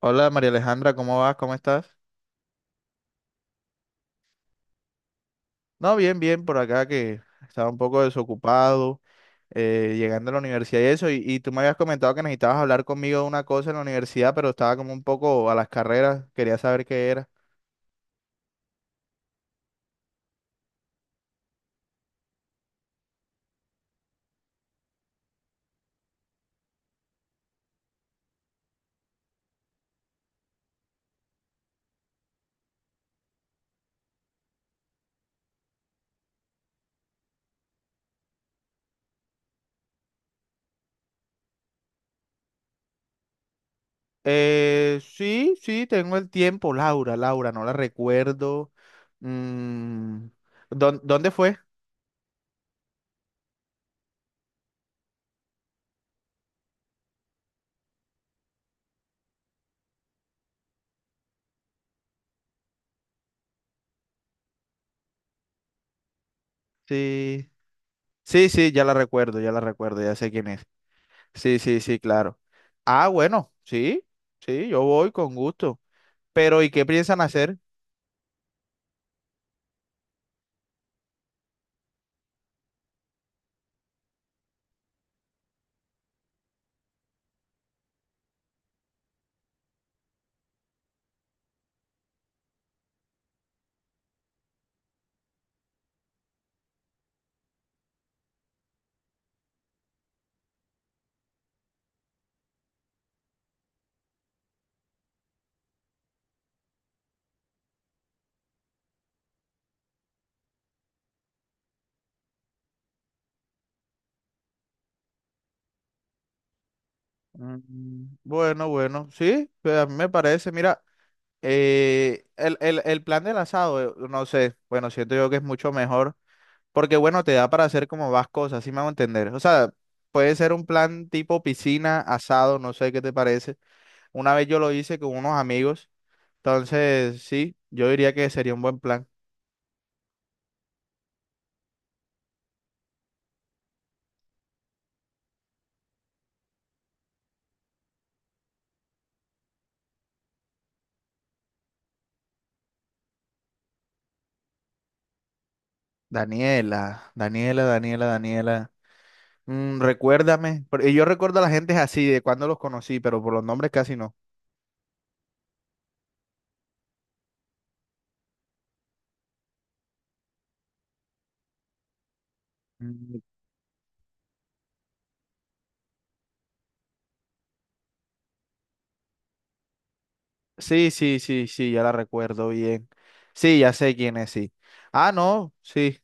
Hola María Alejandra, ¿cómo vas? ¿Cómo estás? No, bien, bien, por acá que estaba un poco desocupado, llegando a la universidad y eso, y tú me habías comentado que necesitabas hablar conmigo de una cosa en la universidad, pero estaba como un poco a las carreras, quería saber qué era. Sí, sí, tengo el tiempo. Laura, no la recuerdo. Mm, ¿dónde fue? Sí, sí, sí, ya la recuerdo, ya la recuerdo, ya sé quién es. Sí, sí, sí, claro. Ah, bueno, sí, sí, yo voy con gusto. Pero, ¿y qué piensan hacer? Mm, bueno, bueno, sí, pues a mí me parece, mira, el plan del asado, no sé, bueno, siento yo que es mucho mejor, porque bueno, te da para hacer como más cosas, así me hago entender. O sea, puede ser un plan tipo piscina, asado, no sé qué te parece. Una vez yo lo hice con unos amigos, entonces sí, yo diría que sería un buen plan. Daniela. Mm, recuérdame, y yo recuerdo a la gente así, de cuando los conocí, pero por los nombres casi no. Mm, sí, sí, sí, sí, ya la recuerdo bien. Sí, ya sé quién es, sí. Ah, no, sí.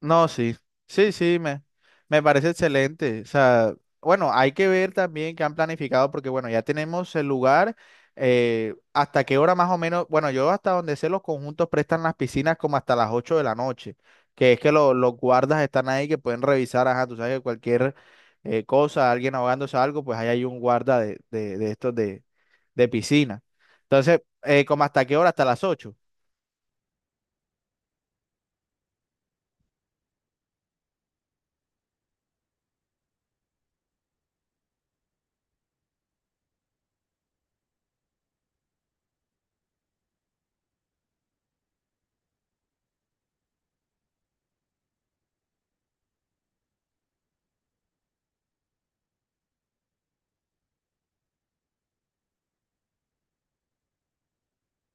No, sí, sí, sí, me parece excelente. O sea, bueno, hay que ver también qué han planificado porque, bueno, ya tenemos el lugar, hasta qué hora más o menos, bueno, yo hasta donde sé los conjuntos prestan las piscinas como hasta las 8 de la noche, que es que los guardas están ahí que pueden revisar, ajá, tú sabes que cualquier cosa, alguien ahogándose a algo, pues ahí hay un guarda de estos de piscina. Entonces, como hasta qué hora, hasta las 8.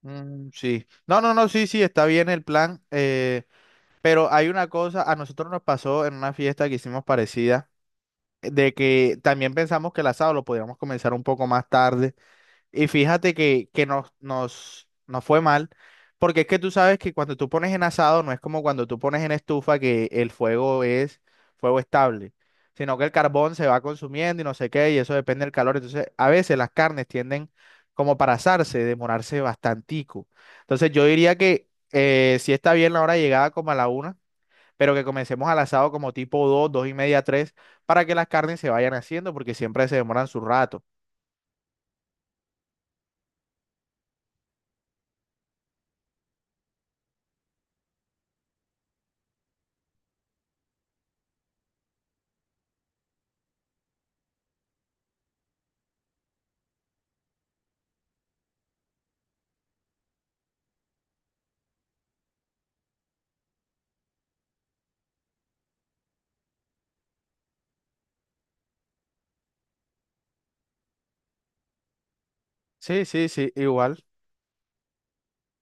Mm, sí. No, no, no, sí, sí, está bien el plan. Pero hay una cosa, a nosotros nos pasó en una fiesta que hicimos parecida, de que también pensamos que el asado lo podíamos comenzar un poco más tarde. Y fíjate que, nos fue mal, porque es que tú sabes que cuando tú pones en asado no es como cuando tú pones en estufa que el fuego es fuego estable, sino que el carbón se va consumiendo y no sé qué, y eso depende del calor. Entonces, a veces las carnes tienden como para asarse, demorarse bastantico. Entonces, yo diría que si está bien la hora de llegada como a la 1, pero que comencemos al asado como tipo dos, 2 y media, tres, para que las carnes se vayan haciendo, porque siempre se demoran su rato. Sí, sí, sí, igual.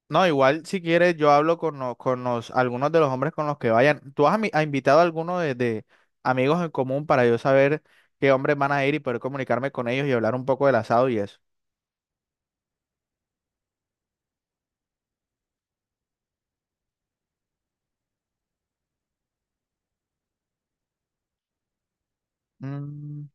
No, igual si quieres yo hablo con, con los, algunos de los hombres con los que vayan. ¿Tú has, has invitado a alguno de amigos en común para yo saber qué hombres van a ir y poder comunicarme con ellos y hablar un poco del asado y eso? Mm,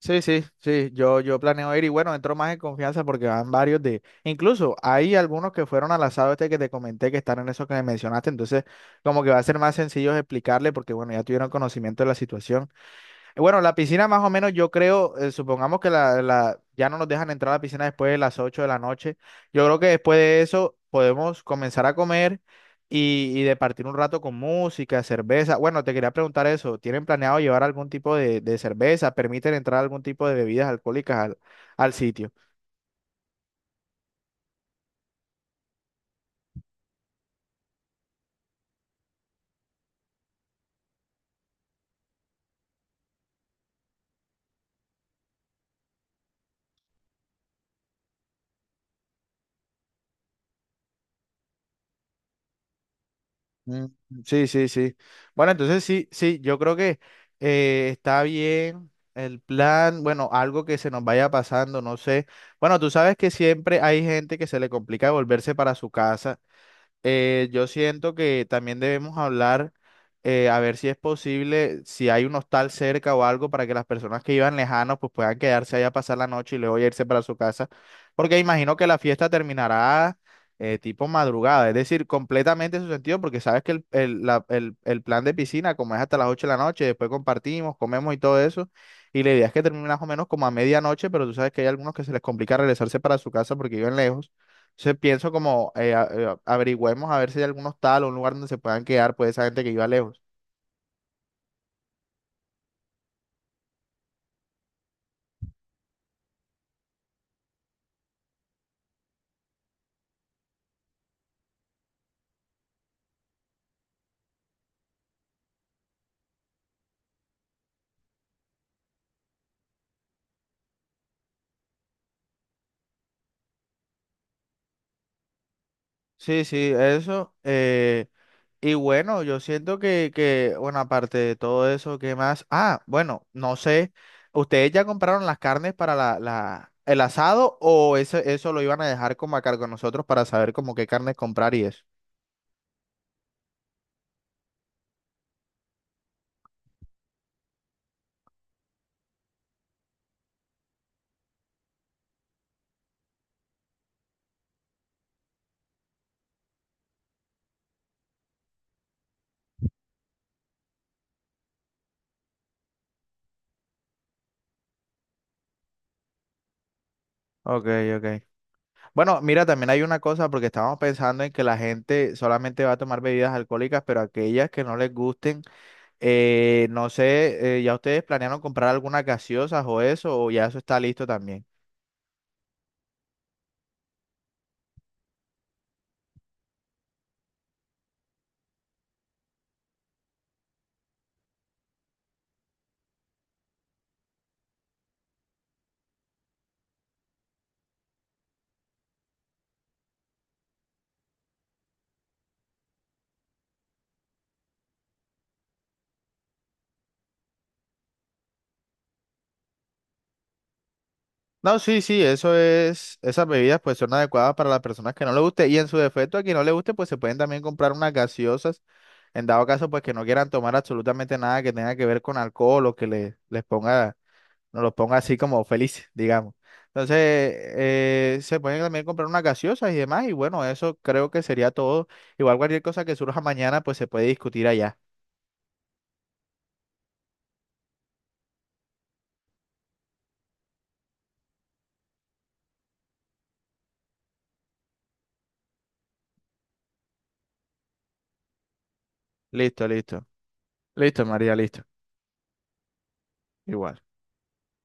sí, sí, sí, yo planeo ir y bueno, entro más en confianza porque van varios de, incluso hay algunos que fueron al asado este que te comenté que están en eso que me mencionaste, entonces como que va a ser más sencillo explicarle porque bueno, ya tuvieron conocimiento de la situación. Bueno, la piscina más o menos yo creo, supongamos que ya no nos dejan entrar a la piscina después de las 8 de la noche. Yo creo que después de eso podemos comenzar a comer y de partir un rato con música, cerveza. Bueno, te quería preguntar eso. ¿Tienen planeado llevar algún tipo de cerveza? ¿Permiten entrar algún tipo de bebidas alcohólicas al, al sitio? Mm, sí, sí, sí. Bueno, entonces sí, sí, yo creo que está bien el plan, bueno, algo que se nos vaya pasando, no sé. Bueno, tú sabes que siempre hay gente que se le complica volverse para su casa. Yo siento que también debemos hablar, a ver si es posible, si hay un hostal cerca o algo para que las personas que iban lejanos pues puedan quedarse allá a pasar la noche y luego ya irse para su casa, porque imagino que la fiesta terminará tipo madrugada, es decir, completamente en su sentido, porque sabes que el plan de piscina, como es hasta las 8 de la noche, después compartimos, comemos y todo eso, y la idea es que termine más o menos como a medianoche, pero tú sabes que hay algunos que se les complica regresarse para su casa porque viven lejos. Entonces pienso como averigüemos a ver si hay algún hostal o un lugar donde se puedan quedar pues esa gente que iba lejos. Sí, sí, eso. Y bueno, yo siento que, bueno, aparte de todo eso, ¿qué más? Ah, bueno, no sé, ¿ustedes ya compraron las carnes para el asado o eso lo iban a dejar como a cargo de nosotros para saber como qué carnes comprar y eso? Ok, ok. Bueno, mira, también hay una cosa porque estábamos pensando en que la gente solamente va a tomar bebidas alcohólicas, pero aquellas que no les gusten. No sé, ¿ya ustedes planearon comprar algunas gaseosas o eso, o ya eso está listo también? No, sí, sí, eso es, esas bebidas pues son adecuadas para las personas que no le guste y en su defecto a quien no le guste pues se pueden también comprar unas gaseosas en dado caso pues que no quieran tomar absolutamente nada que tenga que ver con alcohol o que les ponga, no los ponga así como felices, digamos. Entonces, se pueden también comprar unas gaseosas y demás y bueno, eso creo que sería todo. Igual cualquier cosa que surja mañana pues se puede discutir allá. Listo, listo. Listo, María, listo. Igual.